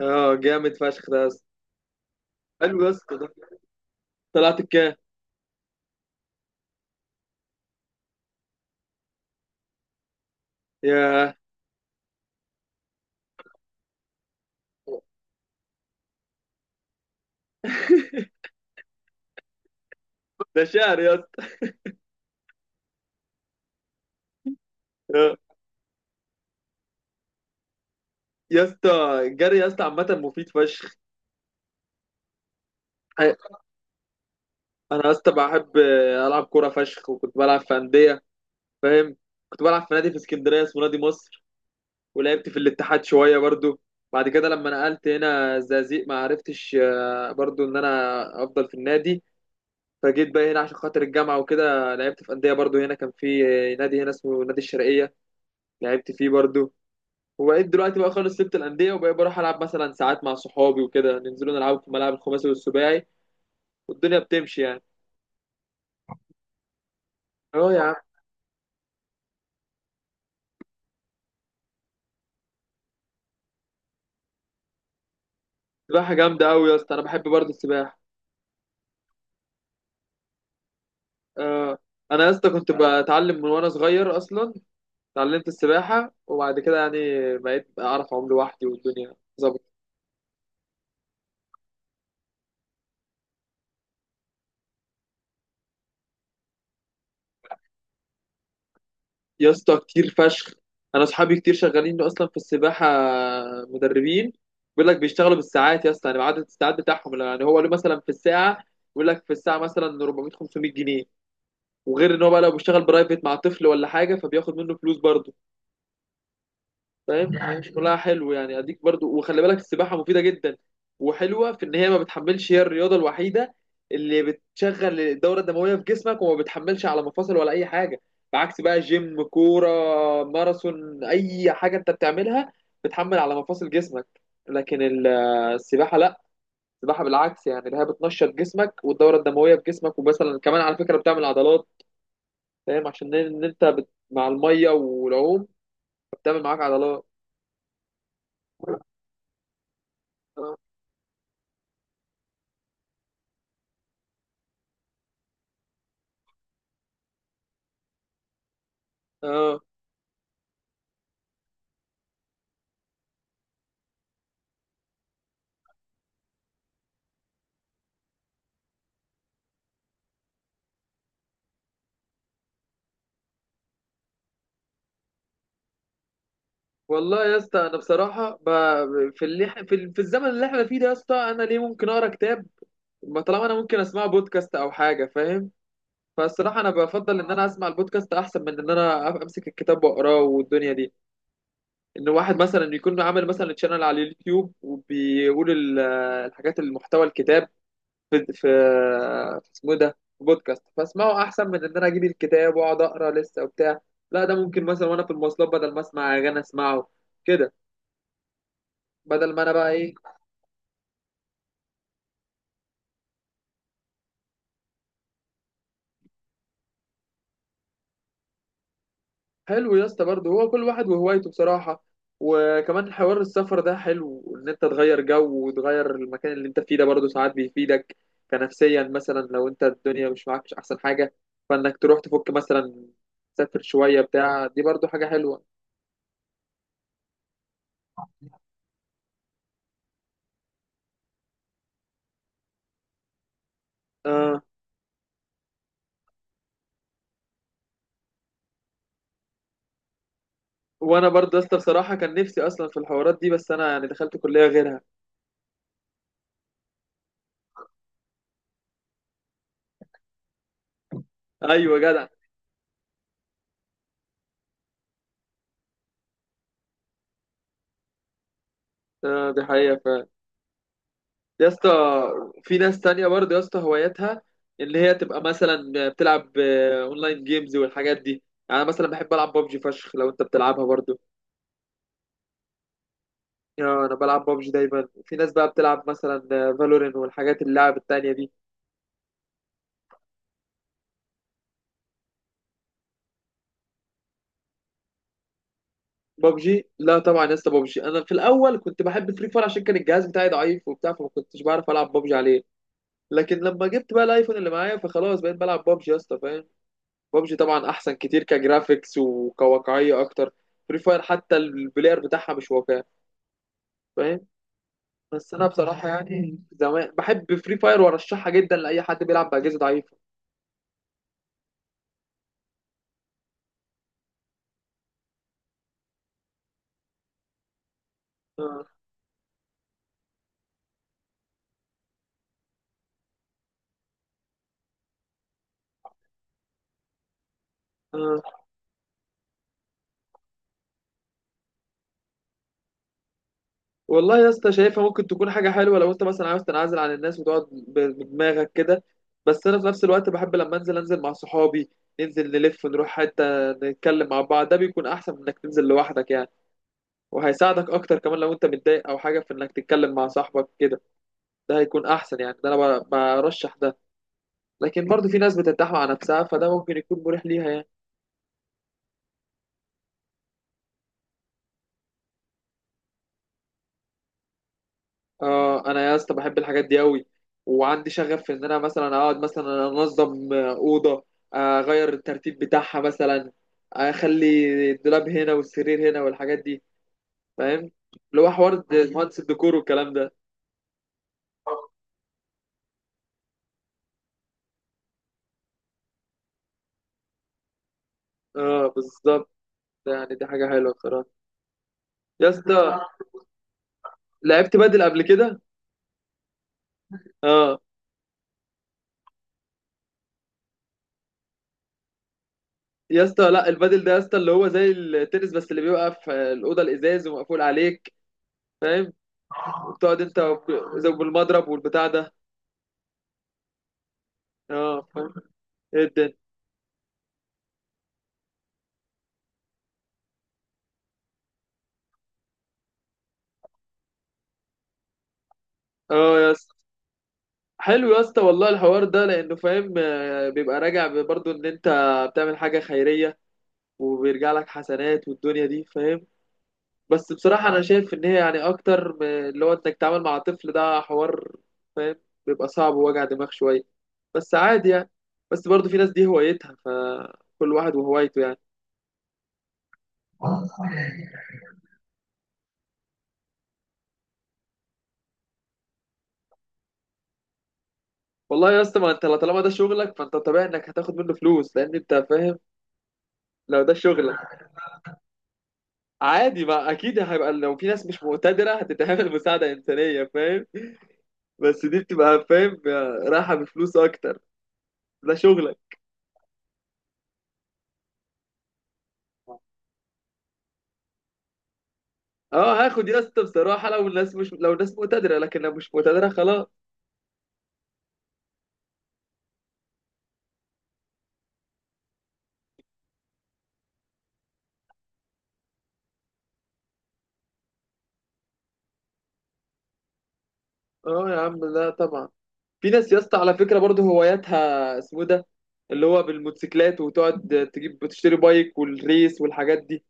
اه جامد فشخ ده يا اسطى. حلو يا اسطى ده. طلعت الكام. ياه. ده شعر يا اسطى. آه. يا اسطى الجري يا اسطى عامة مفيد فشخ. انا يا اسطى بحب العب كورة فشخ، وكنت بلعب في أندية، فاهم. كنت بلعب في نادي في اسكندرية اسمه نادي مصر، ولعبت في الاتحاد شوية برضو. بعد كده لما نقلت هنا الزقازيق ما عرفتش برضو ان انا افضل في النادي. فجيت بقى هنا عشان خاطر الجامعة وكده لعبت في أندية برضو هنا، كان في نادي هنا اسمه نادي الشرقية، لعبت فيه برضو. وبقيت دلوقتي بقى خالص سبت الأندية، وبقيت بروح ألعب مثلا ساعات مع صحابي وكده، ننزلوا نلعب في الملاعب الخماسي والسباعي والدنيا بتمشي يعني. اه يا عم. سباحة جامدة أوي يا اسطى، أنا بحب برضه السباحة. اه. أنا يا اسطى كنت بتعلم من وأنا صغير أصلا، اتعلمت السباحة وبعد كده يعني بقيت أعرف أعوم لوحدي والدنيا ظبط. يا اسطى كتير فشخ، أنا أصحابي كتير شغالين أصلا في السباحة مدربين. بيقول لك بيشتغلوا بالساعات يا اسطى، يعني بعدد الساعات بتاعهم، يعني هو له مثلا في الساعة، بيقول لك في الساعة مثلا 400 500 جنيه. وغير ان هو بقى لو بيشتغل برايفت مع طفل ولا حاجه فبياخد منه فلوس برضه، فاهم. دي مش حقيقة كلها حلو يعني اديك برضه. وخلي بالك السباحه مفيده جدا، وحلوه في ان هي ما بتحملش، هي الرياضه الوحيده اللي بتشغل الدوره الدمويه في جسمك وما بتحملش على مفاصل ولا اي حاجه. بعكس بقى جيم، كوره، ماراثون، اي حاجه انت بتعملها بتحمل على مفاصل جسمك. لكن السباحه لا، السباحه بالعكس يعني اللي هي بتنشط جسمك والدوره الدمويه في جسمك. ومثلا كمان على فكره بتعمل عضلات، فاهم، عشان ان انت مع الميه والعوم بتعمل معاك عضلات. اه. اه والله يا اسطى انا بصراحه في اللي إح- في, ال- في الزمن اللي احنا فيه ده يا اسطى انا ليه ممكن اقرا كتاب، ما طالما انا ممكن اسمع بودكاست او حاجه، فاهم. فالصراحه انا بفضل ان انا اسمع البودكاست احسن من ان انا امسك الكتاب واقراه والدنيا دي. ان واحد مثلا يكون عامل مثلا تشانل على اليوتيوب وبيقول الحاجات المحتوى الكتاب، في في في اسمه إيه ده، في بودكاست فاسمعه احسن من ان انا اجيب الكتاب واقعد اقرا لسه وبتاع. لا ده ممكن مثلا وانا في المواصلات بدل ما اسمع اغاني اسمعه كده، بدل ما انا بقى ايه. حلو يا اسطى برضه، هو كل واحد وهوايته بصراحه. وكمان حوار السفر ده حلو، ان انت تغير جو وتغير المكان اللي انت فيه ده برضه ساعات بيفيدك كنفسيا. مثلا لو انت الدنيا مش معاك مش احسن حاجه فانك تروح تفك، مثلا تسافر شويه بتاع دي برضه حاجه حلوه. آه. وانا برضه يا اسطى بصراحه كان نفسي اصلا في الحوارات دي، بس انا يعني دخلت كليه غيرها. ايوه جدع. آه، دي حقيقه فعلا. يا اسطى في ناس تانية برضه يا اسطى هواياتها اللي هي تبقى مثلا بتلعب اونلاين جيمز والحاجات دي. يعني أنا مثلا بحب العب ببجي فشخ، لو انت بتلعبها برضه. انا بلعب ببجي دايما. في ناس بقى بتلعب مثلا فالورين والحاجات اللعب التانية دي. ببجي لا طبعا يا اسطى، ببجي انا في الاول كنت بحب فري فاير عشان كان الجهاز بتاعي ضعيف وبتاع، فما كنتش بعرف العب ببجي عليه. لكن لما جبت بقى الايفون اللي معايا فخلاص بقيت بلعب بابجي يا اسطى، فاهم. بابجي طبعا احسن كتير كجرافيكس وكواقعيه اكتر. فري فاير حتى البلاير بتاعها مش واقعي، فاهم. بس انا بصراحه يعني زمان بحب فري فاير وارشحها جدا لاي حد بيلعب باجهزه ضعيفه. آه. آه. والله يا اسطى شايفها ممكن تكون حاجه حلوه لو انت مثلا عاوز تنعزل عن الناس وتقعد بدماغك كده. بس انا في نفس الوقت بحب لما انزل انزل مع صحابي، ننزل نلف نروح حته نتكلم مع بعض، ده بيكون احسن من انك تنزل لوحدك يعني. وهيساعدك اكتر كمان لو انت متضايق او حاجه في انك تتكلم مع صاحبك كده، ده هيكون احسن يعني، ده انا برشح ده. لكن برضو في ناس بترتاح مع نفسها، فده ممكن يكون مريح ليها يعني. اه انا يا اسطى بحب الحاجات دي قوي، وعندي شغف في ان انا مثلا اقعد مثلا انظم اوضه، اغير الترتيب بتاعها مثلا، اخلي الدولاب هنا والسرير هنا والحاجات دي، فاهم. اللي هو حوار مهندس الديكور والكلام ده. اه بالظبط، يعني دي حاجه حلوه بصراحه. يا اسطى لعبت بدل قبل كده. اه. يا اسطى لا، البادل ده يا اسطى اللي هو زي التنس، بس اللي بيبقى في الاوضه الازاز ومقفول عليك، فاهم. وبتقعد انت زي بالمضرب والبتاع ده. اه فاهم. ايه الدنيا. اه يا اسطى. حلو يا اسطى والله الحوار ده، لانه فاهم بيبقى راجع برضه ان انت بتعمل حاجه خيريه وبيرجع لك حسنات والدنيا دي، فاهم. بس بصراحة أنا شايف إن هي يعني أكتر من اللي هو إنك تتعامل مع طفل، ده حوار فاهم بيبقى صعب ووجع دماغ شوية، بس عادي يعني. بس برضه في ناس دي هوايتها، فكل واحد وهوايته يعني. والله يا اسطى ما انت طالما ده شغلك فانت طبيعي انك هتاخد منه فلوس، لان انت فاهم لو ده شغلك عادي. ما اكيد هيبقى لو في ناس مش مقتدره هتتعمل مساعده انسانيه، فاهم. بس دي بتبقى فاهم رايحه بفلوس اكتر، ده شغلك. اه هاخد يا اسطى بصراحه لو الناس مقتدره. لكن لو مش مقتدره خلاص. اه يا عم لا طبعا. في ناس يا اسطى على فكره برضه هواياتها اسمه ده، اللي هو بالموتوسيكلات وتقعد تجيب تشتري بايك والريس والحاجات دي.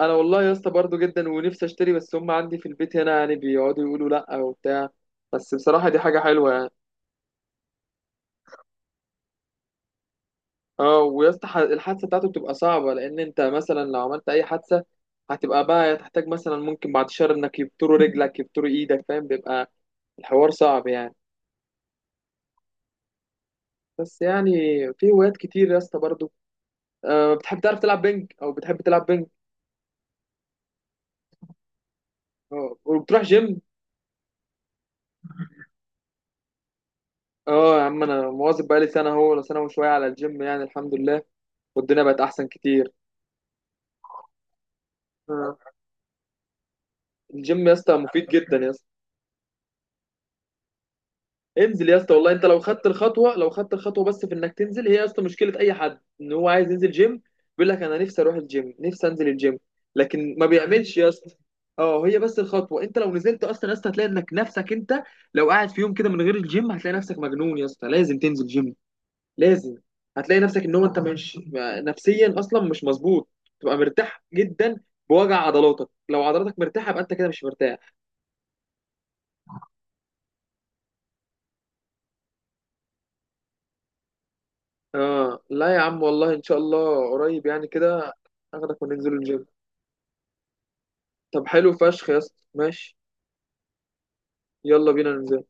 انا والله يا اسطى برضه جدا ونفسي اشتري، بس هم عندي في البيت هنا يعني بيقعدوا يقولوا لا وبتاع. بس بصراحه دي حاجه حلوه يعني. اه ويا اسطى الحادثه بتاعته بتبقى صعبه، لان انت مثلا لو عملت اي حادثه هتبقى بقى تحتاج مثلا ممكن بعد شهر انك يبتروا رجلك يبتروا ايدك، فاهم، بيبقى الحوار صعب يعني. بس يعني في هوايات كتير يا اسطى برضه. أه بتحب تعرف تلعب بينج او بتحب تلعب بينج. أه وبتروح جيم. اه يا عم انا مواظب بقالي سنه هو ولا سنه وشويه على الجيم، يعني الحمد لله والدنيا بقت احسن كتير. أه. الجيم يا اسطى مفيد جدا يا اسطى. انزل يا اسطى والله، انت لو خدت الخطوه، لو خدت الخطوه بس، في انك تنزل هي يا اسطى مشكله اي حد ان هو عايز ينزل جيم، بيقول لك انا نفسي اروح الجيم نفسي انزل الجيم، لكن ما بيعملش يا اسطى. اه هي بس الخطوه، انت لو نزلت اصلا يا اسطى هتلاقي انك نفسك انت، لو قاعد في يوم كده من غير الجيم هتلاقي نفسك مجنون يا اسطى، لازم تنزل جيم، لازم. هتلاقي نفسك ان هو انت مش نفسيا اصلا مش مظبوط، تبقى مرتاح جدا بوجع عضلاتك، لو عضلاتك مرتاحه يبقى انت كده مش مرتاح. اه لا يا عم والله ان شاء الله قريب يعني كده اخدك وننزل الجيم. طب حلو فشخ يا اسطى ماشي. يلا بينا ننزل.